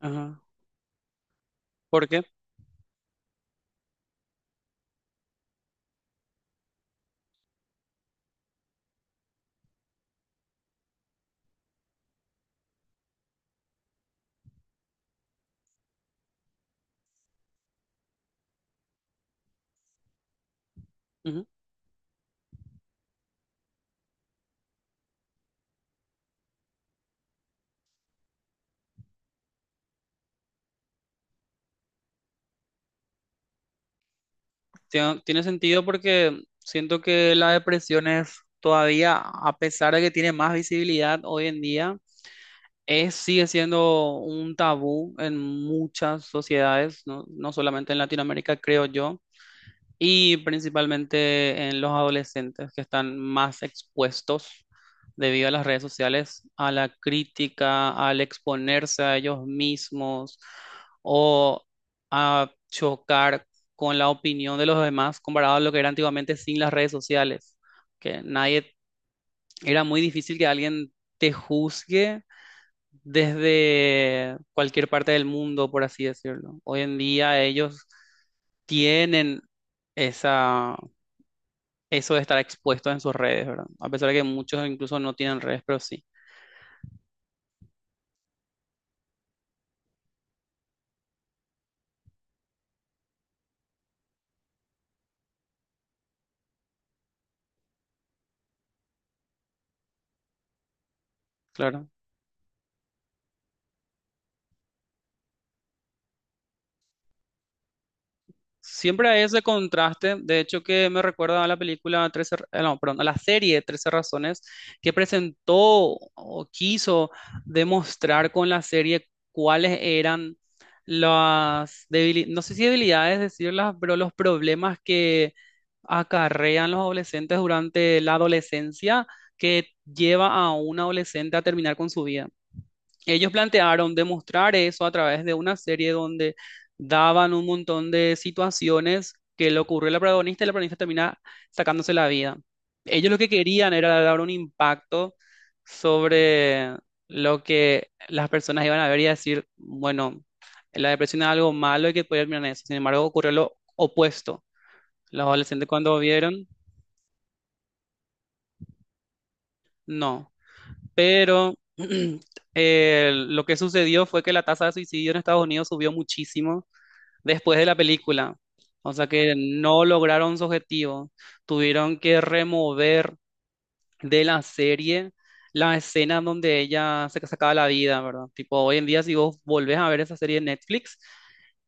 Ajá. ¿Por qué? Ujú. Tiene sentido porque siento que la depresión es todavía, a pesar de que tiene más visibilidad hoy en día, es, sigue siendo un tabú en muchas sociedades, no solamente en Latinoamérica, creo yo. Y principalmente en los adolescentes que están más expuestos debido a las redes sociales, a la crítica, al exponerse a ellos mismos o a chocar con la opinión de los demás comparado a lo que era antiguamente sin las redes sociales, que nadie, era muy difícil que alguien te juzgue desde cualquier parte del mundo, por así decirlo. Hoy en día ellos tienen esa eso de estar expuesto en sus redes, ¿verdad? A pesar de que muchos incluso no tienen redes, pero sí, claro. Siempre hay ese contraste, de hecho que me recuerda a la película Trece, no, perdón, a la serie Trece Razones que presentó o quiso demostrar con la serie cuáles eran las debilidades, no sé si debilidades decirlas, pero los problemas que acarrean los adolescentes durante la adolescencia que lleva a un adolescente a terminar con su vida. Ellos plantearon demostrar eso a través de una serie donde daban un montón de situaciones que le ocurrió a la protagonista y la protagonista termina sacándose la vida. Ellos lo que querían era dar un impacto sobre lo que las personas iban a ver y a decir, bueno, la depresión es algo malo y que puede terminar en eso. Sin embargo, ocurrió lo opuesto. Los adolescentes cuando vieron, no. Pero lo que sucedió fue que la tasa de suicidio en Estados Unidos subió muchísimo después de la película. O sea que no lograron su objetivo. Tuvieron que remover de la serie la escena donde ella se sacaba la vida, ¿verdad? Tipo, hoy en día si vos volvés a ver esa serie de Netflix,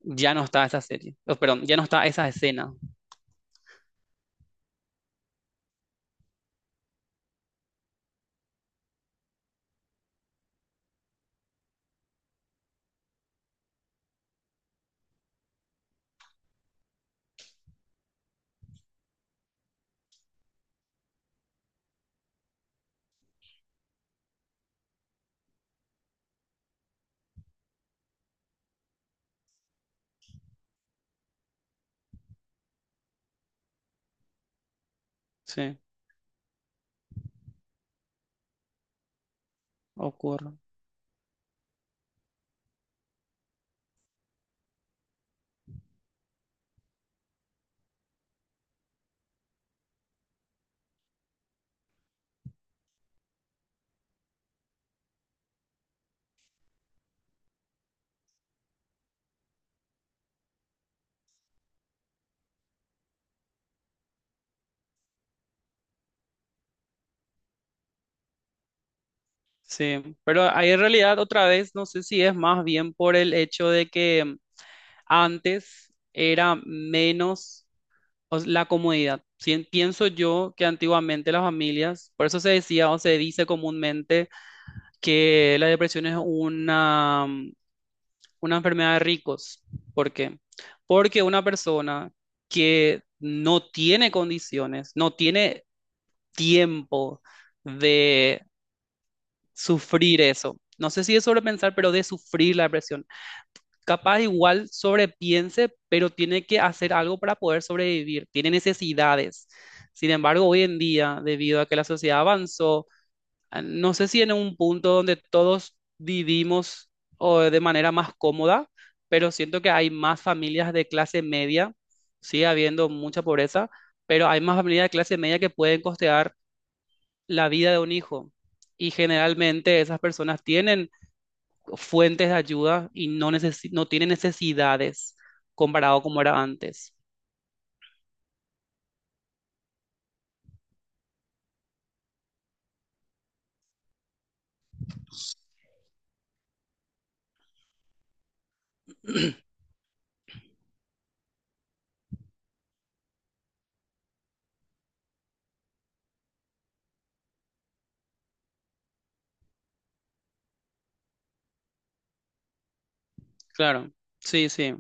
ya no está esa serie. Oh, perdón, ya no está esa escena. Sí, ocurre. Sí, pero ahí en realidad otra vez no sé si es más bien por el hecho de que antes era menos o la comodidad. Pienso yo que antiguamente las familias, por eso se decía o se dice comúnmente que la depresión es una, mm, una enfermedad de ricos. ¿Por qué? Porque una persona que no tiene condiciones, no tiene tiempo de sufrir eso. No sé si es sobrepensar, pero de sufrir la depresión. Capaz igual sobrepiense, pero tiene que hacer algo para poder sobrevivir, tiene necesidades. Sin embargo, hoy en día, debido a que la sociedad avanzó, no sé si en un punto donde todos vivimos o de manera más cómoda, pero siento que hay más familias de clase media, sigue habiendo mucha pobreza, pero hay más familias de clase media que pueden costear la vida de un hijo. Y generalmente esas personas tienen fuentes de ayuda y no, no tiene necesidades comparado como era antes. Claro, sí, sí,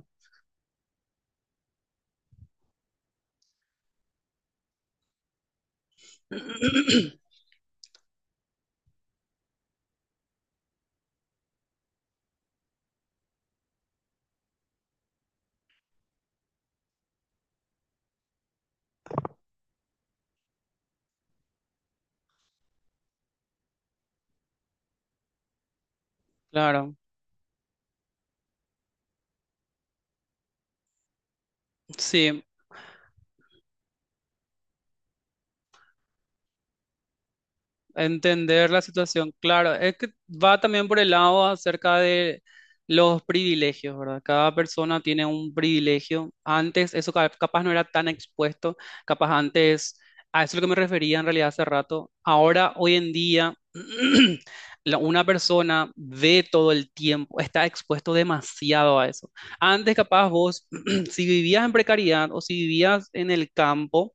claro, sí. Entender la situación, claro, es que va también por el lado acerca de los privilegios, ¿verdad? Cada persona tiene un privilegio. Antes eso capaz no era tan expuesto, capaz antes, a eso es lo que me refería en realidad hace rato. Ahora, hoy en día, una persona ve todo el tiempo, está expuesto demasiado a eso. Antes capaz vos, si vivías en precariedad o si vivías en el campo,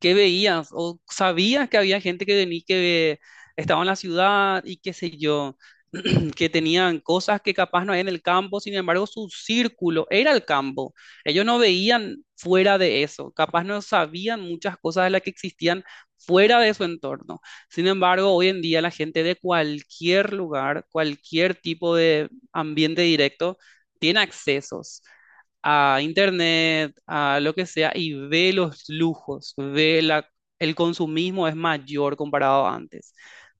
¿qué veías? ¿O sabías que había gente que venía, que estaba en la ciudad y qué sé yo, que tenían cosas que capaz no hay en el campo, sin embargo su círculo era el campo. Ellos no veían fuera de eso, capaz no sabían muchas cosas de las que existían fuera de su entorno. Sin embargo, hoy en día la gente de cualquier lugar, cualquier tipo de ambiente directo, tiene accesos a internet, a lo que sea, y ve los lujos, ve la, el consumismo es mayor comparado a antes,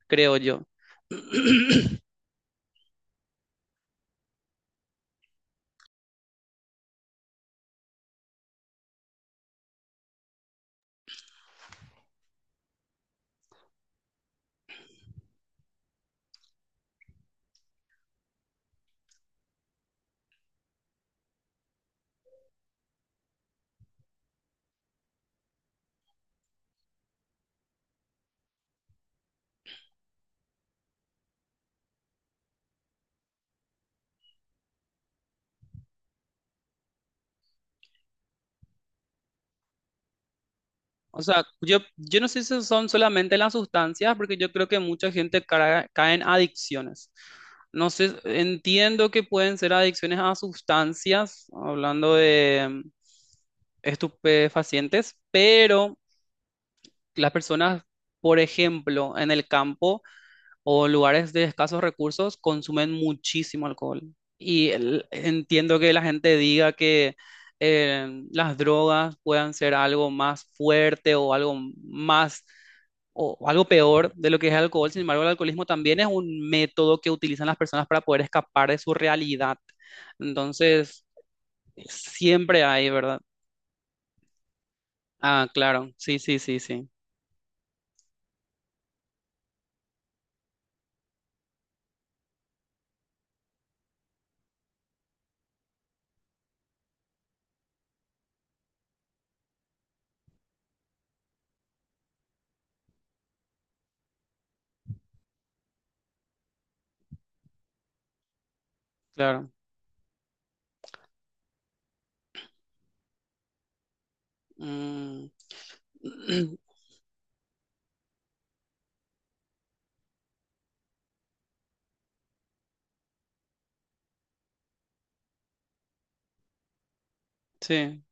creo yo. O sea, yo no sé si son solamente las sustancias, porque yo creo que mucha gente cae en adicciones. No sé, entiendo que pueden ser adicciones a sustancias, hablando de mm, estupefacientes, pero las personas, por ejemplo, en el campo, o lugares de escasos recursos consumen muchísimo alcohol. Entiendo que la gente diga que las drogas puedan ser algo más fuerte o algo más o algo peor de lo que es el alcohol. Sin embargo, el alcoholismo también es un método que utilizan las personas para poder escapar de su realidad. Entonces, siempre hay, ¿verdad? Ah, claro, sí, sí, sí, sí, claro. Mm, sí.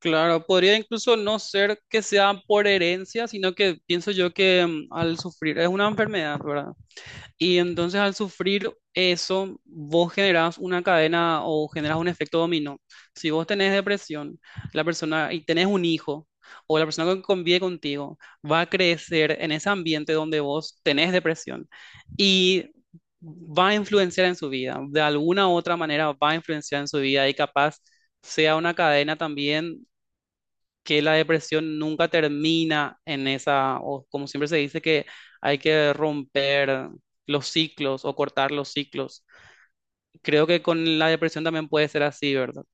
Claro, podría incluso no ser que sea por herencia, sino que pienso yo que mm, al sufrir, es una enfermedad, ¿verdad? Y entonces al sufrir eso, vos generás una cadena o generás un efecto dominó. Si vos tenés depresión, la persona y tenés un hijo o la persona que convive contigo va a crecer en ese ambiente donde vos tenés depresión y va a influenciar en su vida, de alguna u otra manera va a influenciar en su vida y capaz sea una cadena también que la depresión nunca termina en esa, o como siempre se dice, que hay que romper los ciclos o cortar los ciclos. Creo que con la depresión también puede ser así, ¿verdad?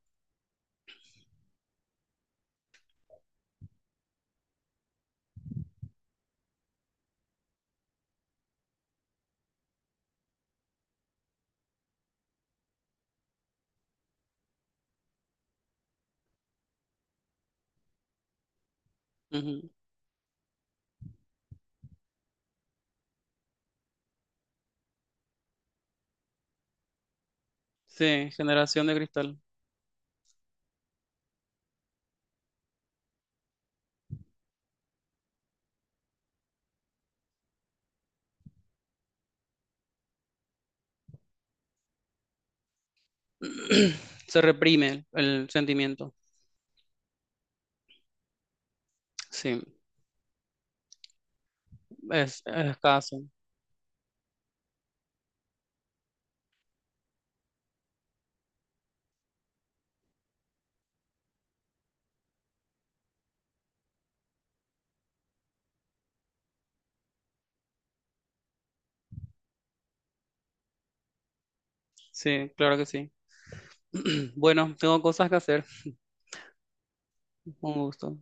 Ujú. Sí, generación de cristal. Se reprime el sentimiento. Sí, es escaso. Sí, claro que sí. Bueno, tengo cosas que hacer. Un gusto.